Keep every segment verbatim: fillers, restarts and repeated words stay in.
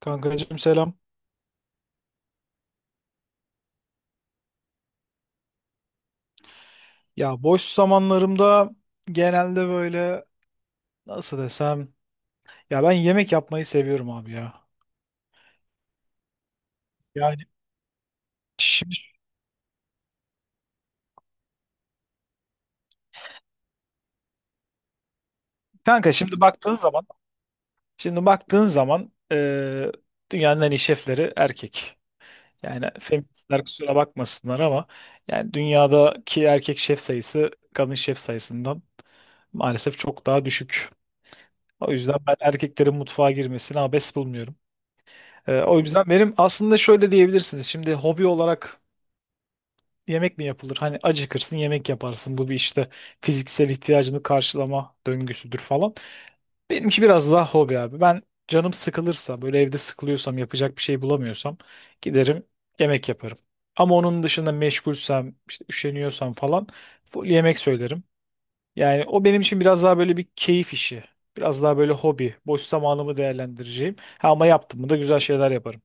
Kankacığım selam. Ya boş zamanlarımda genelde böyle nasıl desem ya ben yemek yapmayı seviyorum abi ya. Yani şimdi kanka şimdi baktığın zaman şimdi baktığın zaman eee, dünyanın en iyi şefleri erkek. Yani feministler kusura bakmasınlar ama yani dünyadaki erkek şef sayısı kadın şef sayısından maalesef çok daha düşük. O yüzden ben erkeklerin mutfağa girmesini abes bulmuyorum. Eee, o yüzden benim aslında şöyle diyebilirsiniz. Şimdi hobi olarak yemek mi yapılır? Hani acıkırsın yemek yaparsın. Bu bir işte fiziksel ihtiyacını karşılama döngüsüdür falan. Benimki biraz daha hobi abi. Ben canım sıkılırsa böyle evde sıkılıyorsam yapacak bir şey bulamıyorsam giderim yemek yaparım. Ama onun dışında meşgulsem işte üşeniyorsam falan full yemek söylerim. Yani o benim için biraz daha böyle bir keyif işi. Biraz daha böyle hobi. Boş zamanımı değerlendireceğim. Ha, ama yaptım mı da güzel şeyler yaparım.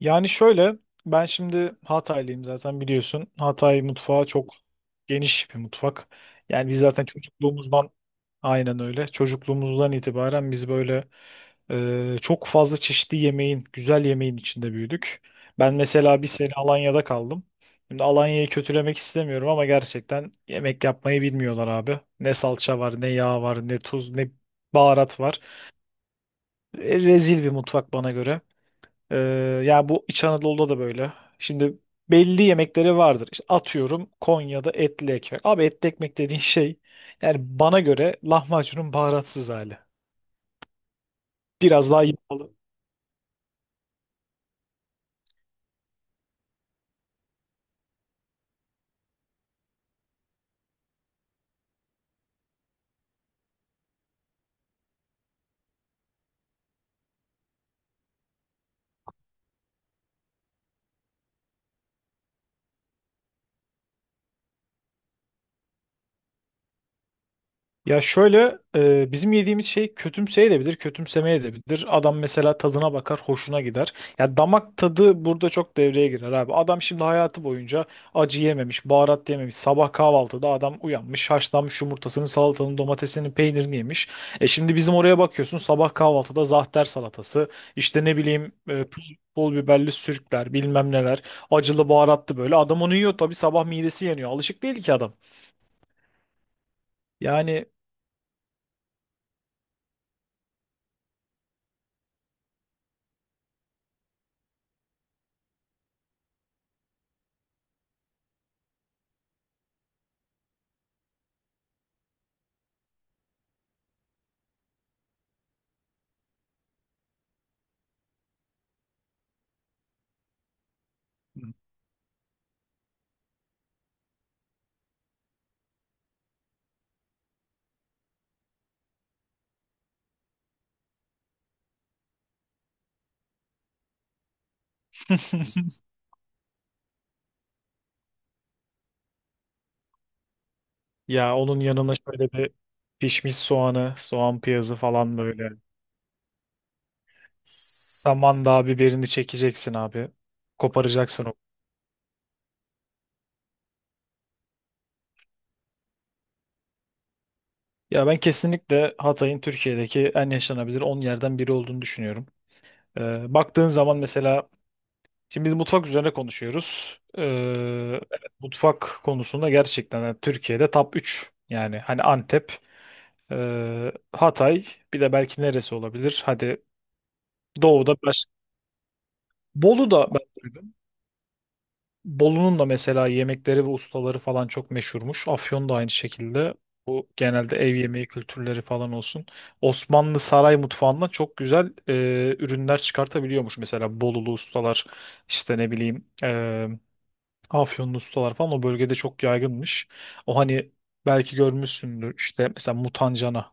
Yani şöyle ben şimdi Hataylıyım zaten biliyorsun. Hatay mutfağı çok geniş bir mutfak. Yani biz zaten çocukluğumuzdan aynen öyle. Çocukluğumuzdan itibaren biz böyle e, çok fazla çeşitli yemeğin, güzel yemeğin içinde büyüdük. Ben mesela bir sene Alanya'da kaldım. Şimdi Alanya'yı kötülemek istemiyorum ama gerçekten yemek yapmayı bilmiyorlar abi. Ne salça var, ne yağ var, ne tuz, ne baharat var. E, rezil bir mutfak bana göre. Ee, yani bu İç Anadolu'da da böyle. Şimdi belli yemekleri vardır. İşte atıyorum Konya'da etli ekmek. Abi etli ekmek dediğin şey yani bana göre lahmacunun baharatsız hali. Biraz daha yağlı. Ya şöyle e, bizim yediğimiz şey kötümseyebilir, kötümsemeyebilir. Adam mesela tadına bakar, hoşuna gider. Ya damak tadı burada çok devreye girer abi. Adam şimdi hayatı boyunca acı yememiş, baharat yememiş. Sabah kahvaltıda adam uyanmış, haşlanmış yumurtasını, salatanın, domatesinin, peynirini yemiş. E şimdi bizim oraya bakıyorsun sabah kahvaltıda zahter salatası, işte ne bileyim e, pul, pul biberli sürükler, bilmem neler, acılı baharatlı böyle. Adam onu yiyor tabii sabah midesi yanıyor. Alışık değil ki adam. Yani ya onun yanına şöyle bir pişmiş soğanı, soğan piyazı falan böyle. Samandağ biberini çekeceksin abi. Koparacaksın o. Ya ben kesinlikle Hatay'ın Türkiye'deki en yaşanabilir on yerden biri olduğunu düşünüyorum. Ee, baktığın zaman mesela şimdi biz mutfak üzerine konuşuyoruz. Ee, evet, mutfak konusunda gerçekten yani Türkiye'de top üç. Yani hani Antep, e, Hatay, bir de belki neresi olabilir? Hadi Doğu'da baş... Bolu da ben duydum. Bolu'nun da mesela yemekleri ve ustaları falan çok meşhurmuş. Afyon da aynı şekilde. Bu genelde ev yemeği kültürleri falan olsun. Osmanlı saray mutfağından çok güzel e, ürünler çıkartabiliyormuş. Mesela Bolulu ustalar işte ne bileyim e, Afyonlu ustalar falan o bölgede çok yaygınmış. O hani belki görmüşsündür işte mesela mutancana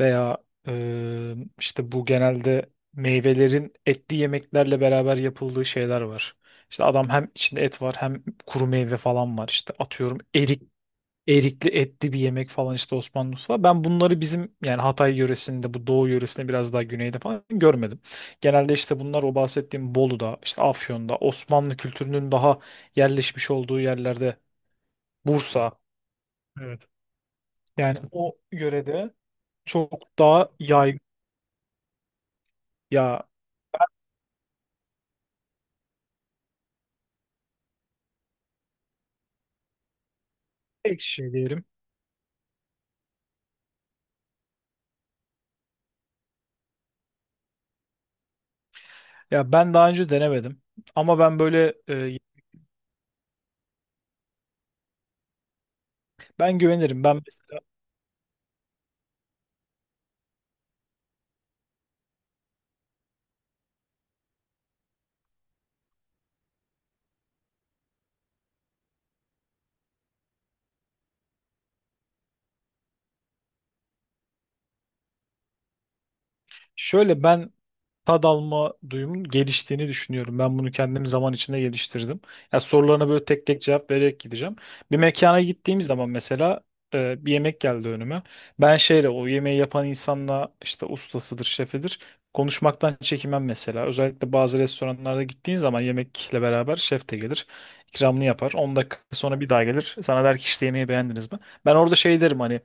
veya e, işte bu genelde meyvelerin etli yemeklerle beraber yapıldığı şeyler var. İşte adam hem içinde et var hem kuru meyve falan var. İşte atıyorum erik erikli etli bir yemek falan işte Osmanlı mutfağı. Ben bunları bizim yani Hatay yöresinde, bu Doğu yöresinde, biraz daha güneyde falan görmedim. Genelde işte bunlar o bahsettiğim Bolu'da, işte Afyon'da, Osmanlı kültürünün daha yerleşmiş olduğu yerlerde. Bursa. Evet. Yani o yörede çok daha yay ya tek şey diyelim. Ya ben daha önce denemedim ama ben böyle e, ben güvenirim. Ben mesela şöyle ben tad alma duyumun geliştiğini düşünüyorum. Ben bunu kendim zaman içinde geliştirdim. Ya sorularına böyle tek tek cevap vererek gideceğim. Bir mekana gittiğim zaman mesela e, bir yemek geldi önüme. Ben şeyle o yemeği yapan insanla, işte ustasıdır, şefidir, konuşmaktan çekinmem mesela. Özellikle bazı restoranlarda gittiğin zaman yemekle beraber şef de gelir. İkramını yapar. On dakika sonra bir daha gelir. Sana der ki işte yemeği beğendiniz mi? Ben orada şey derim hani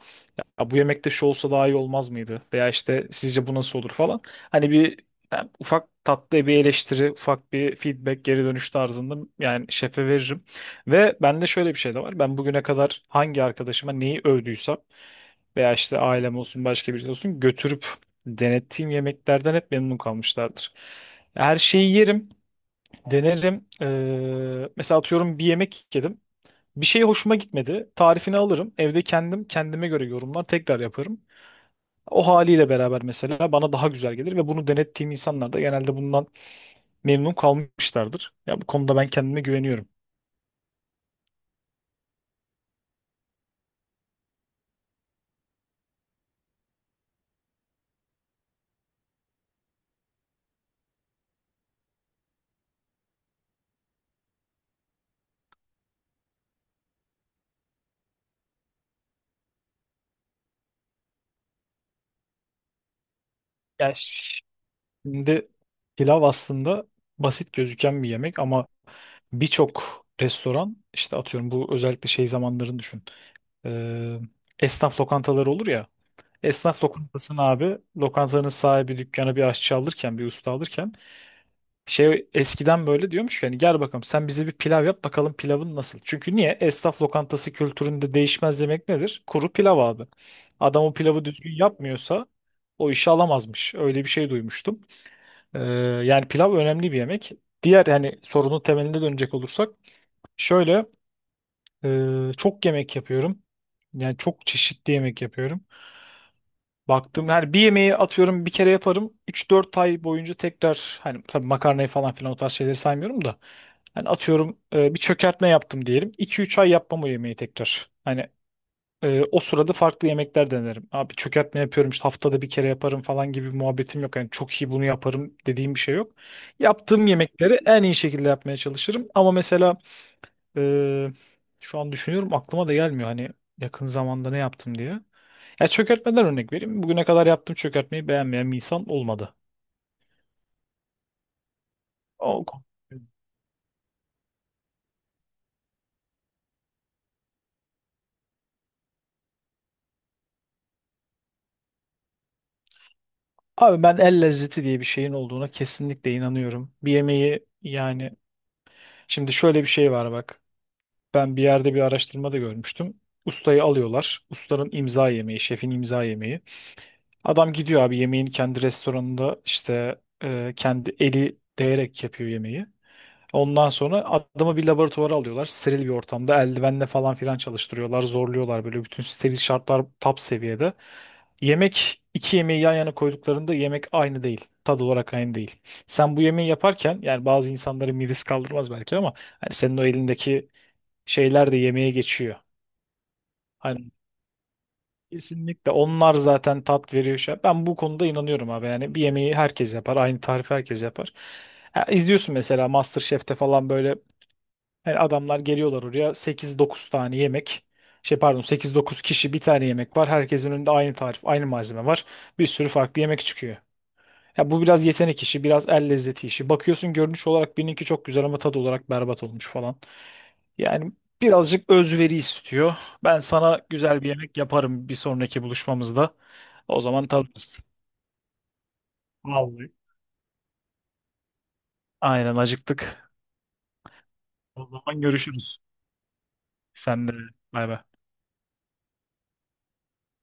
ya bu yemekte şu olsa daha iyi olmaz mıydı? Veya işte sizce bu nasıl olur falan. Hani bir ben ufak tatlı bir eleştiri, ufak bir feedback, geri dönüş tarzında yani şefe veririm. Ve bende şöyle bir şey de var. Ben bugüne kadar hangi arkadaşıma neyi övdüysem veya işte ailem olsun başka birisi olsun götürüp denettiğim yemeklerden hep memnun kalmışlardır. Her şeyi yerim, denerim. Ee, mesela atıyorum bir yemek yedim. Bir şey hoşuma gitmedi. Tarifini alırım. Evde kendim kendime göre yorumlar tekrar yaparım. O haliyle beraber mesela bana daha güzel gelir ve bunu denettiğim insanlar da genelde bundan memnun kalmışlardır. Ya bu konuda ben kendime güveniyorum. Yani şimdi pilav aslında basit gözüken bir yemek ama birçok restoran işte atıyorum bu özellikle şey zamanlarını düşün. Ee, esnaf lokantaları olur ya. Esnaf lokantasını, abi lokantanın sahibi dükkanı bir aşçı alırken, bir usta alırken, şey eskiden böyle diyormuş ki hani gel bakalım sen bize bir pilav yap bakalım pilavın nasıl. Çünkü niye? Esnaf lokantası kültüründe değişmez demek nedir? Kuru pilav abi. Adam o pilavı düzgün yapmıyorsa o işi alamazmış. Öyle bir şey duymuştum. Ee, yani pilav önemli bir yemek. Diğer yani sorunun temeline dönecek olursak şöyle e, çok yemek yapıyorum. Yani çok çeşitli yemek yapıyorum. Baktım yani bir yemeği atıyorum bir kere yaparım. Üç dört ay boyunca tekrar, hani tabii makarnayı falan filan o tarz şeyleri saymıyorum da. Hani atıyorum e, bir çökertme yaptım diyelim. iki üç ay yapmam o yemeği tekrar. Hani e, o sırada farklı yemekler denerim. Abi çökertme yapıyorum işte haftada bir kere yaparım falan gibi bir muhabbetim yok. Yani çok iyi bunu yaparım dediğim bir şey yok. Yaptığım yemekleri en iyi şekilde yapmaya çalışırım. Ama mesela e, şu an düşünüyorum aklıma da gelmiyor hani yakın zamanda ne yaptım diye. Ya çökertmeden örnek vereyim. Bugüne kadar yaptığım çökertmeyi beğenmeyen bir insan olmadı. O konu. Abi ben el lezzeti diye bir şeyin olduğuna kesinlikle inanıyorum. Bir yemeği yani şimdi şöyle bir şey var bak. Ben bir yerde bir araştırmada görmüştüm. Ustayı alıyorlar. Ustanın imza yemeği, şefin imza yemeği. Adam gidiyor abi yemeğin kendi restoranında işte e, kendi eli değerek yapıyor yemeği. Ondan sonra adamı bir laboratuvara alıyorlar. Steril bir ortamda eldivenle falan filan çalıştırıyorlar. Zorluyorlar böyle bütün steril şartlar top seviyede. Yemek iki yemeği yan yana koyduklarında yemek aynı değil. Tad olarak aynı değil. Sen bu yemeği yaparken, yani bazı insanların midesi kaldırmaz belki ama hani senin o elindeki şeyler de yemeğe geçiyor. Hani kesinlikle onlar zaten tat veriyor. şey- Ben bu konuda inanıyorum abi, yani bir yemeği herkes yapar. Aynı tarifi herkes yapar. Ya izliyorsun mesela MasterChef'te falan, böyle yani adamlar geliyorlar oraya sekiz dokuz tane yemek. Şey pardon, sekiz dokuz kişi bir tane yemek var. Herkesin önünde aynı tarif, aynı malzeme var. Bir sürü farklı yemek çıkıyor. Ya bu biraz yetenek işi, biraz el lezzeti işi. Bakıyorsun görünüş olarak birininki çok güzel ama tadı olarak berbat olmuş falan. Yani birazcık özveri istiyor. Ben sana güzel bir yemek yaparım bir sonraki buluşmamızda. O zaman tadırız. Vallahi. Aynen acıktık. O zaman görüşürüz. Sen de bay bay.